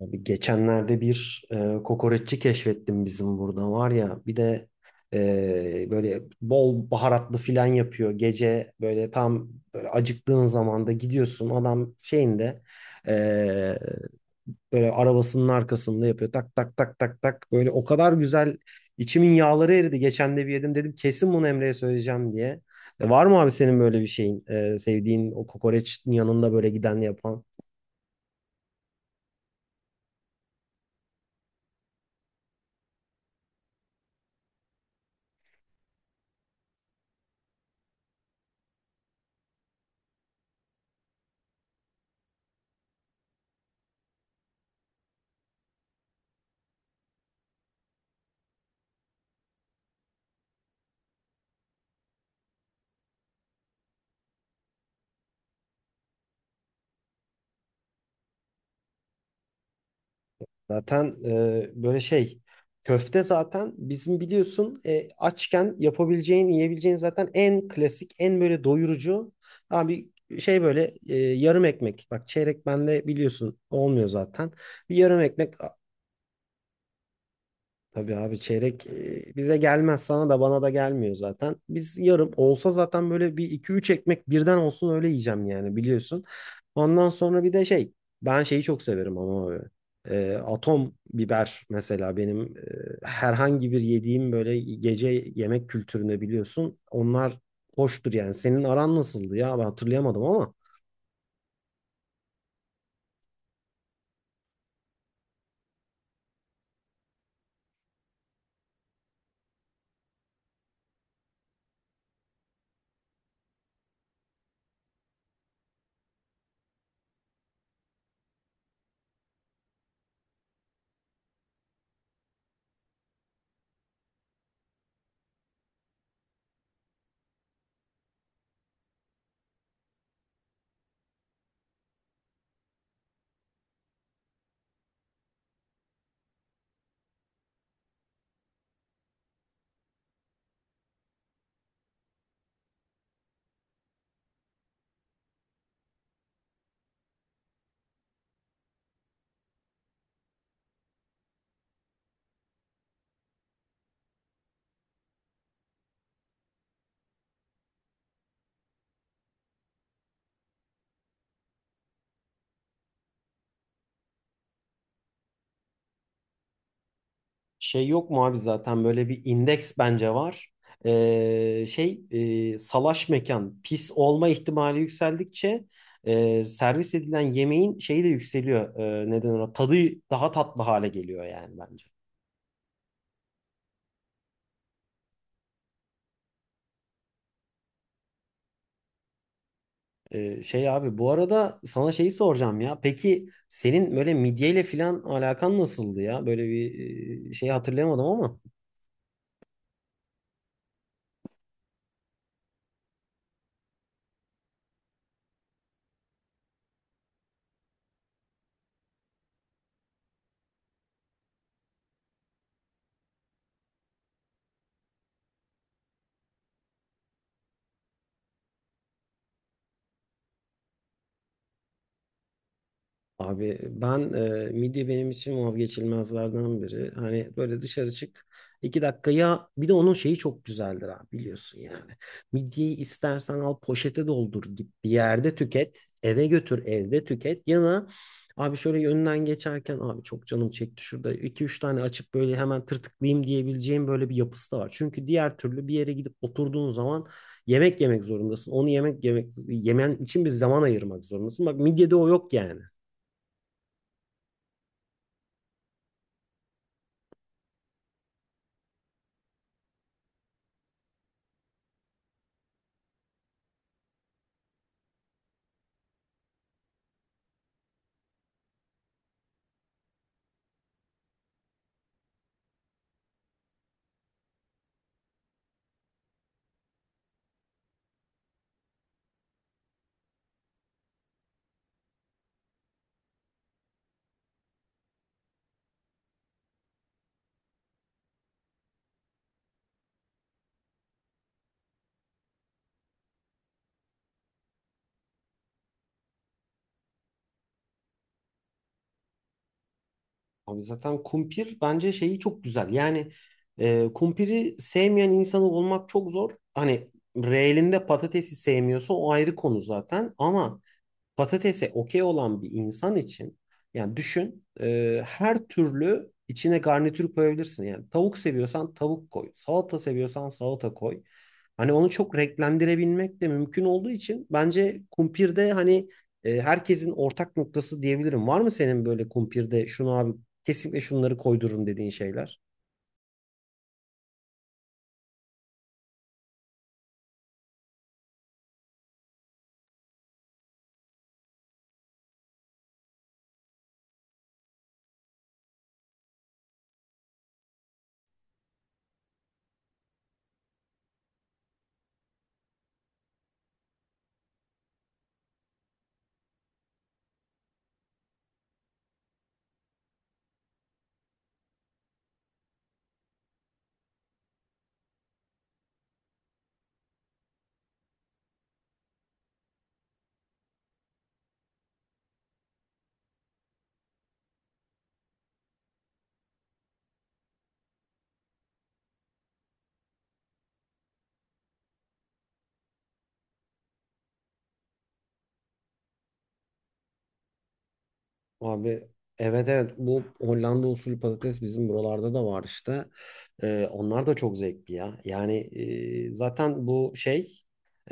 Abi geçenlerde bir kokoreççi keşfettim, bizim burada var ya. Bir de böyle bol baharatlı filan yapıyor, gece böyle tam böyle acıktığın zamanda gidiyorsun, adam şeyinde e, böyle arabasının arkasında yapıyor tak tak tak tak tak, böyle o kadar güzel içimin yağları eridi. Geçen de bir yedim, dedim kesin bunu Emre'ye söyleyeceğim diye. Var mı abi senin böyle bir şeyin, sevdiğin, o kokoreçin yanında böyle giden, yapan? Zaten böyle şey, köfte zaten bizim biliyorsun, açken yapabileceğin, yiyebileceğin zaten en klasik, en böyle doyurucu abi şey. Böyle yarım ekmek, bak çeyrek bende biliyorsun olmuyor zaten, bir yarım ekmek. Tabii abi çeyrek bize gelmez, sana da bana da gelmiyor zaten. Biz yarım olsa zaten böyle bir iki üç ekmek birden olsun, öyle yiyeceğim yani, biliyorsun. Ondan sonra bir de şey, ben şeyi çok severim ama abi. Atom biber mesela benim herhangi bir yediğim böyle gece yemek kültürüne, biliyorsun. Onlar hoştur yani. Senin aran nasıldı ya, ben hatırlayamadım ama. Şey yok mu abi, zaten böyle bir indeks bence var. Şey, salaş mekan, pis olma ihtimali yükseldikçe servis edilen yemeğin şeyi de yükseliyor. Neden ona, tadı daha tatlı hale geliyor yani bence. Şey abi, bu arada sana şeyi soracağım ya. Peki senin böyle midyeyle filan alakan nasıldı ya? Böyle bir şey hatırlayamadım ama. Abi ben, midye benim için vazgeçilmezlerden biri. Hani böyle dışarı çık, 2 dakika ya, bir de onun şeyi çok güzeldir abi, biliyorsun yani. Midyeyi istersen al, poşete doldur, git bir yerde tüket, eve götür evde tüket, ya da abi şöyle yönden geçerken, abi çok canım çekti şurada iki üç tane açıp böyle hemen tırtıklayayım diyebileceğim böyle bir yapısı da var. Çünkü diğer türlü bir yere gidip oturduğun zaman yemek yemek zorundasın. Onu yemek, yemek yemen için bir zaman ayırmak zorundasın. Bak midyede o yok yani. Abi zaten kumpir bence şeyi çok güzel. Yani kumpiri sevmeyen insanı olmak çok zor. Hani reelinde patatesi sevmiyorsa o ayrı konu zaten. Ama patatese okey olan bir insan için, yani düşün, her türlü içine garnitür koyabilirsin. Yani tavuk seviyorsan tavuk koy, salata seviyorsan salata koy. Hani onu çok renklendirebilmek de mümkün olduğu için bence kumpirde hani herkesin ortak noktası diyebilirim. Var mı senin böyle kumpirde şunu abi, kesinlikle şunları koydururum dediğin şeyler? Abi, evet evet, bu Hollanda usulü patates bizim buralarda da var işte. Onlar da çok zevkli ya. Yani zaten bu şey,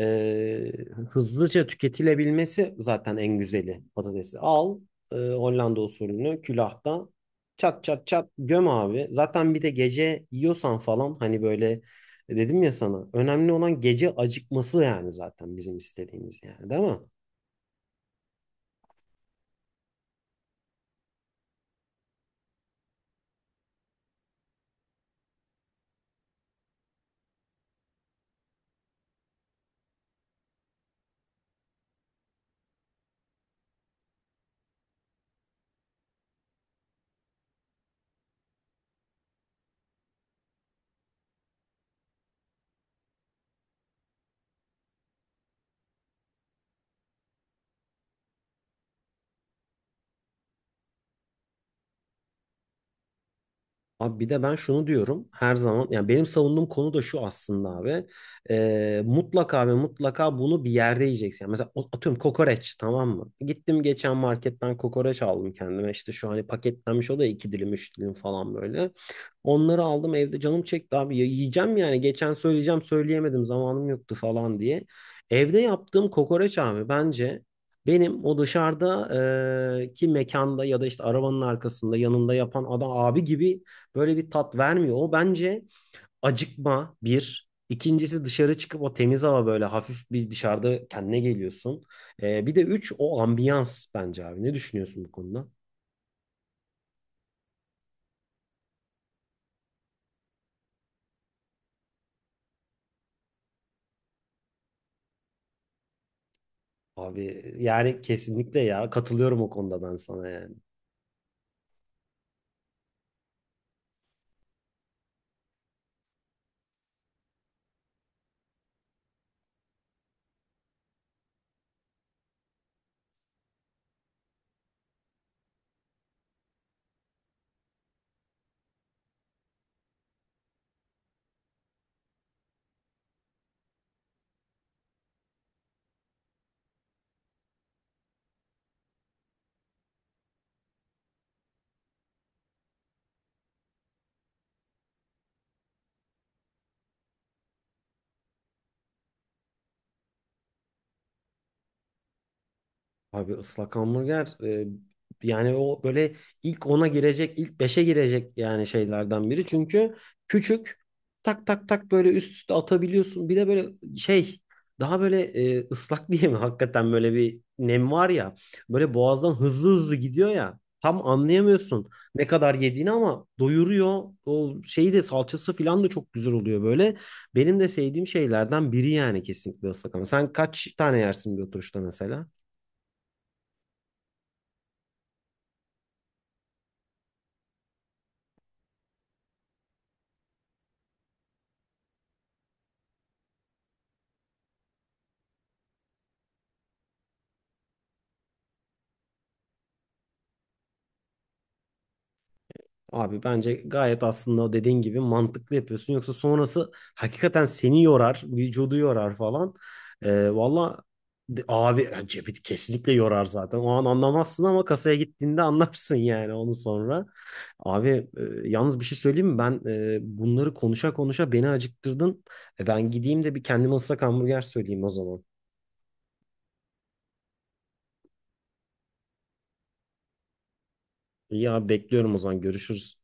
e, hızlıca tüketilebilmesi zaten en güzeli patatesi. Al Hollanda usulünü külahta, çat çat çat göm abi. Zaten bir de gece yiyorsan falan, hani böyle dedim ya sana, önemli olan gece acıkması, yani zaten bizim istediğimiz, yani değil mi? Abi bir de ben şunu diyorum her zaman, yani benim savunduğum konu da şu aslında abi. Mutlaka ve mutlaka bunu bir yerde yiyeceksin. Yani mesela atıyorum kokoreç, tamam mı? Gittim geçen marketten kokoreç aldım kendime, işte şu hani paketlenmiş, o da iki dilim üç dilim falan böyle. Onları aldım evde, canım çekti abi ya, yiyeceğim yani geçen söyleyeceğim, söyleyemedim, zamanım yoktu falan diye. Evde yaptığım kokoreç abi, bence benim o dışarıda, ki mekanda ya da işte arabanın arkasında, yanında yapan adam abi gibi böyle bir tat vermiyor. O bence acıkma, bir. İkincisi, dışarı çıkıp o temiz hava, böyle hafif bir dışarıda kendine geliyorsun. Bir de üç, o ambiyans bence abi. Ne düşünüyorsun bu konuda? Abi yani kesinlikle ya, katılıyorum o konuda ben sana yani. Abi ıslak hamburger yani o böyle ilk 10'a girecek, ilk beşe girecek yani şeylerden biri. Çünkü küçük, tak tak tak böyle üst üste atabiliyorsun. Bir de böyle şey, daha böyle ıslak diye mi, hakikaten böyle bir nem var ya. Böyle boğazdan hızlı hızlı gidiyor ya. Tam anlayamıyorsun ne kadar yediğini ama doyuruyor. O şeyi de, salçası falan da çok güzel oluyor böyle. Benim de sevdiğim şeylerden biri yani, kesinlikle ıslak hamburger. Sen kaç tane yersin bir oturuşta mesela? Abi bence gayet aslında o dediğin gibi mantıklı yapıyorsun. Yoksa sonrası hakikaten seni yorar, vücudu yorar falan. Valla abi yani cebi kesinlikle yorar zaten. O an anlamazsın ama kasaya gittiğinde anlarsın yani onu sonra. Abi yalnız bir şey söyleyeyim mi? Ben bunları konuşa konuşa beni acıktırdın. Ben gideyim de bir kendime ıslak hamburger söyleyeyim o zaman. İyi abi, bekliyorum o zaman, görüşürüz.